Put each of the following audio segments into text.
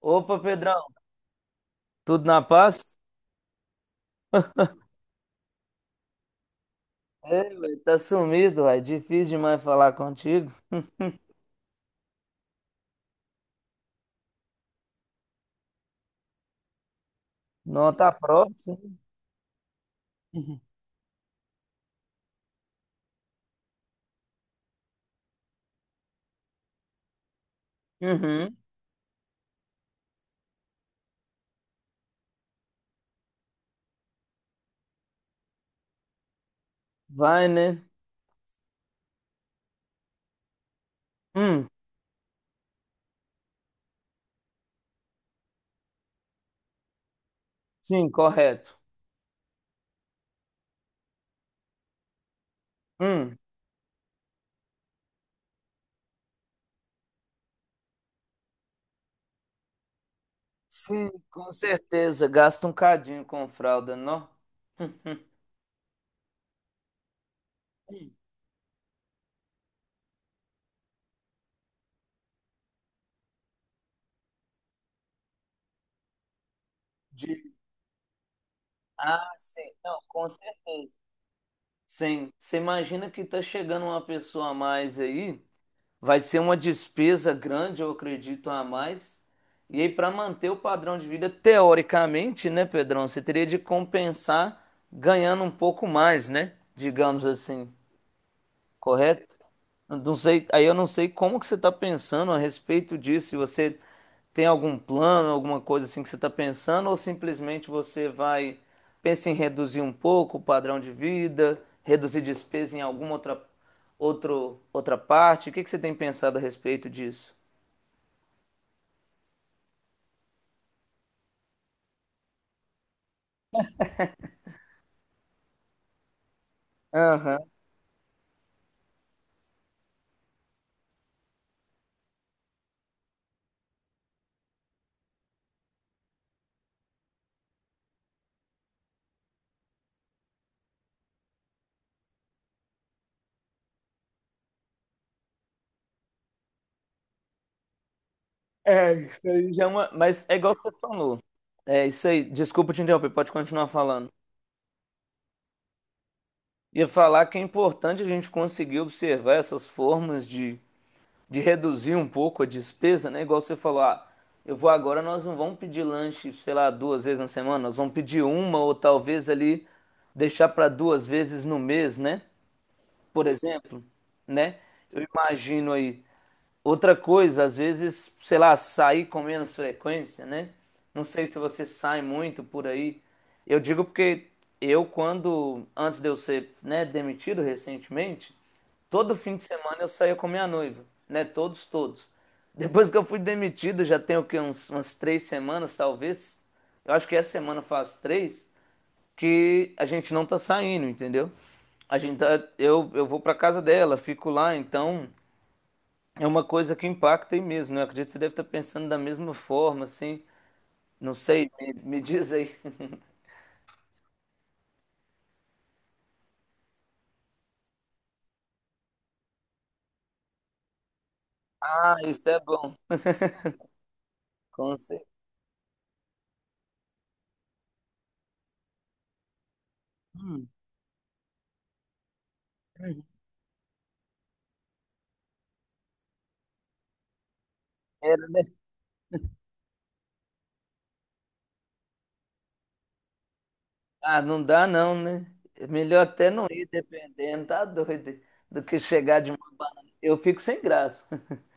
Opa, Pedrão, tudo na paz? É, velho, tá sumido, ué. Difícil demais falar contigo. Nota próxima. Uhum. Uhum. Vai, né? Hum, sim, correto. Hum, sim, com certeza. Gasta um cadinho com fralda, não? Uhum. De... Ah, sim, não, com certeza. Sim, você imagina que tá chegando uma pessoa a mais aí. Vai ser uma despesa grande, eu acredito, a mais. E aí, para manter o padrão de vida, teoricamente, né, Pedrão? Você teria de compensar ganhando um pouco mais, né? Digamos assim, correto? Não sei, aí eu não sei como que você está pensando a respeito disso, se você tem algum plano, alguma coisa assim que você está pensando, ou simplesmente você vai, pensa em reduzir um pouco o padrão de vida, reduzir despesa em alguma outra parte. O que que você tem pensado a respeito disso? Aham. É, isso aí já é uma. Mas é igual você falou. É isso aí. Desculpa te interromper, pode continuar falando. Ia falar que é importante a gente conseguir observar essas formas de reduzir um pouco a despesa, né? Igual você falou, ah, eu vou agora, nós não vamos pedir lanche, sei lá, duas vezes na semana, nós vamos pedir uma ou talvez ali deixar para duas vezes no mês, né? Por exemplo, né? Eu imagino aí, outra coisa, às vezes, sei lá, sair com menos frequência, né? Não sei se você sai muito por aí. Eu digo porque eu, quando, antes de eu ser, né, demitido recentemente, todo fim de semana eu saía com minha noiva, né? Todos, todos. Depois que eu fui demitido, já tem o quê? Umas 3 semanas, talvez. Eu acho que essa semana faz três, que a gente não tá saindo, entendeu? A gente tá, eu vou pra casa dela, fico lá, então. É uma coisa que impacta aí mesmo, né? Eu acredito que você deve estar pensando da mesma forma, assim. Não sei, me diz aí. Ah, isso é bom. Com certeza. Hum, é. Era, né? Ah, não dá não, né? É melhor até não ir, dependendo, tá doido, do que chegar de uma banana. Eu fico sem graça.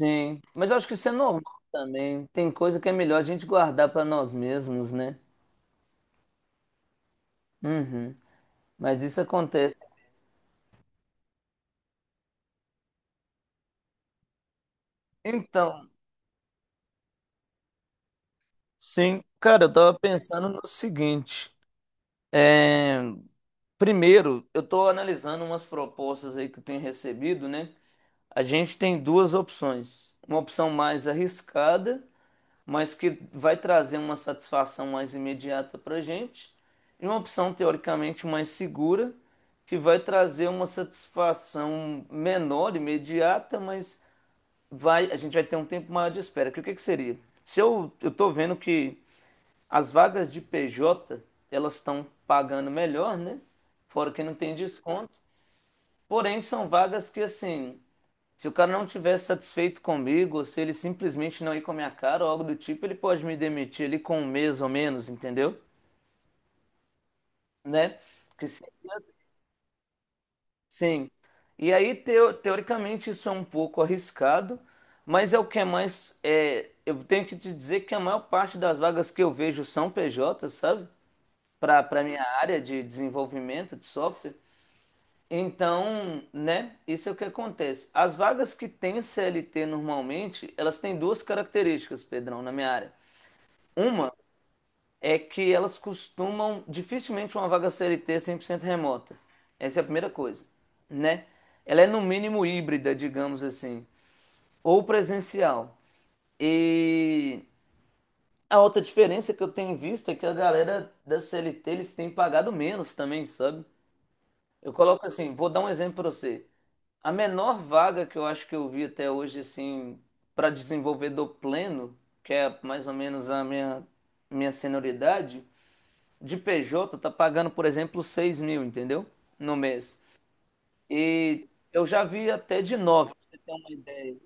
Sim, mas eu acho que isso é normal também. Tem coisa que é melhor a gente guardar para nós mesmos, né? Uhum. Mas isso acontece. Então, sim, cara, eu tava pensando no seguinte. É, primeiro, eu estou analisando umas propostas aí que eu tenho recebido, né? A gente tem duas opções. Uma opção mais arriscada, mas que vai trazer uma satisfação mais imediata para a gente, e uma opção teoricamente mais segura, que vai trazer uma satisfação menor, imediata, mas vai, a gente vai ter um tempo maior de espera. Que o que que seria? Se eu, eu tô vendo que as vagas de PJ, elas estão pagando melhor, né? Fora que não tem desconto. Porém, são vagas que, assim, se o cara não estiver satisfeito comigo, ou se ele simplesmente não ir com a minha cara ou algo do tipo, ele pode me demitir ali com um mês ou menos, entendeu? Né? Porque se- Sim. E aí, teoricamente, isso é um pouco arriscado, mas é o que é mais. É, eu tenho que te dizer que a maior parte das vagas que eu vejo são PJ, sabe? Para minha área de desenvolvimento de software. Então, né, isso é o que acontece. As vagas que têm CLT normalmente, elas têm duas características, Pedrão, na minha área. Uma é que elas dificilmente uma vaga CLT é 100% remota. Essa é a primeira coisa, né? Ela é no mínimo híbrida, digamos assim, ou presencial. E a outra diferença que eu tenho visto é que a galera da CLT, eles têm pagado menos também, sabe? Eu coloco assim, vou dar um exemplo para você. A menor vaga que eu acho que eu vi até hoje, assim, para desenvolvedor pleno, que é mais ou menos a minha senioridade, de PJ tá pagando, por exemplo, 6.000, entendeu? No mês. E eu já vi até de 9. Pra você ter uma ideia.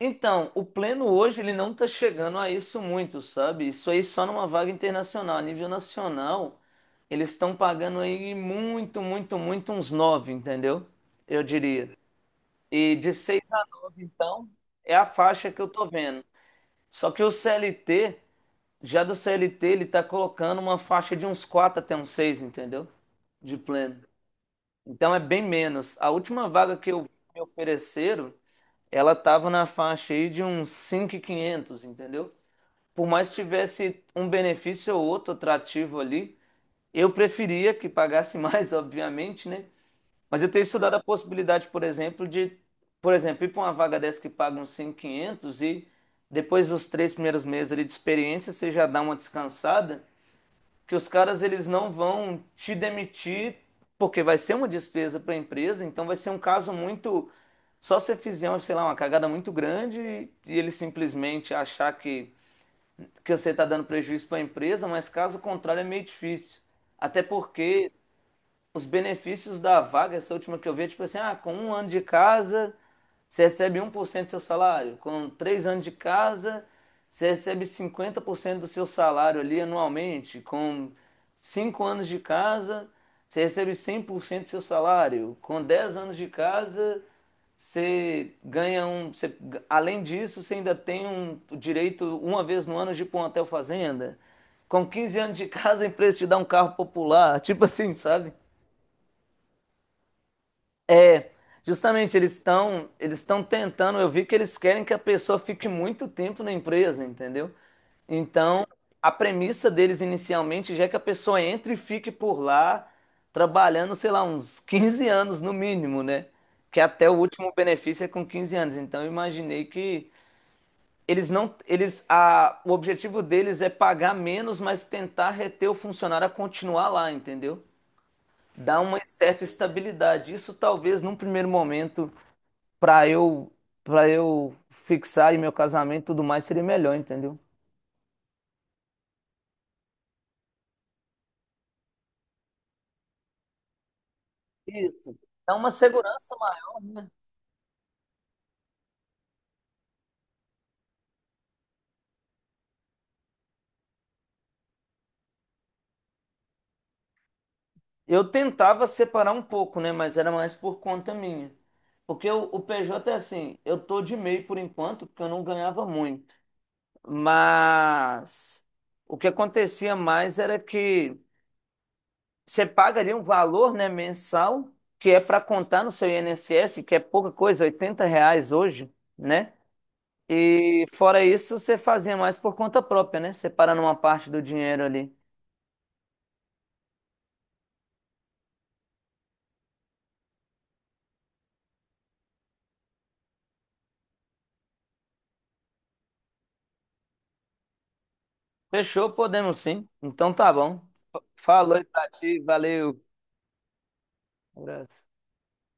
Então, o pleno hoje ele não está chegando a isso muito, sabe? Isso aí só numa vaga internacional. A nível nacional, eles estão pagando aí muito, muito, muito uns nove, entendeu? Eu diria. E de seis a nove, então, é a faixa que eu tô vendo. Só que o CLT, já do CLT, ele tá colocando uma faixa de uns quatro até uns seis, entendeu? De pleno. Então é bem menos. A última vaga que eu me ofereceram ela tava na faixa aí de uns 5.500, entendeu? Por mais que tivesse um benefício ou outro atrativo ali, eu preferia que pagasse mais, obviamente, né? Mas eu tenho estudado a possibilidade, por exemplo, de, por exemplo, ir para uma vaga dessa que paga uns 5.500 e depois dos três primeiros meses ali de experiência, você já dá uma descansada que os caras eles não vão te demitir porque vai ser uma despesa para a empresa, então vai ser um caso muito só se fizer, sei lá, uma cagada muito grande e ele simplesmente achar que você está dando prejuízo para a empresa, mas caso contrário é meio difícil. Até porque os benefícios da vaga, essa última que eu vi, é tipo assim, ah, com 1 ano de casa, você recebe 1% do seu salário. Com 3 anos de casa, você recebe 50% do seu salário ali anualmente. Com 5 anos de casa, você recebe 100% do seu salário. Com 10 anos de casa, você ganha um... você- além disso, você ainda tem o direito, uma vez no ano, de ir para um hotel fazenda. Com 15 anos de casa, a empresa te dá um carro popular. Tipo assim, sabe? É, justamente eles estão tentando, eu vi que eles querem que a pessoa fique muito tempo na empresa, entendeu? Então, a premissa deles inicialmente já é que a pessoa entre e fique por lá trabalhando, sei lá, uns 15 anos no mínimo, né? Que até o último benefício é com 15 anos. Então, eu imaginei que eles não eles a o objetivo deles é pagar menos, mas tentar reter o funcionário a continuar lá, entendeu? Dá uma certa estabilidade. Isso talvez num primeiro momento para eu para eu fixar em meu casamento e tudo mais seria melhor, entendeu? Isso. Dá uma segurança maior, né? Eu tentava separar um pouco, né? Mas era mais por conta minha. Porque o PJ é assim, eu tô de MEI por enquanto, porque eu não ganhava muito. Mas o que acontecia mais era que você paga ali um valor, né, mensal, que é para contar no seu INSS, que é pouca coisa, R$ 80 hoje, né? E fora isso, você fazia mais por conta própria, né? Separando uma parte do dinheiro ali. Fechou, podemos sim. Então tá bom. Falou aí pra ti, valeu. Abraço.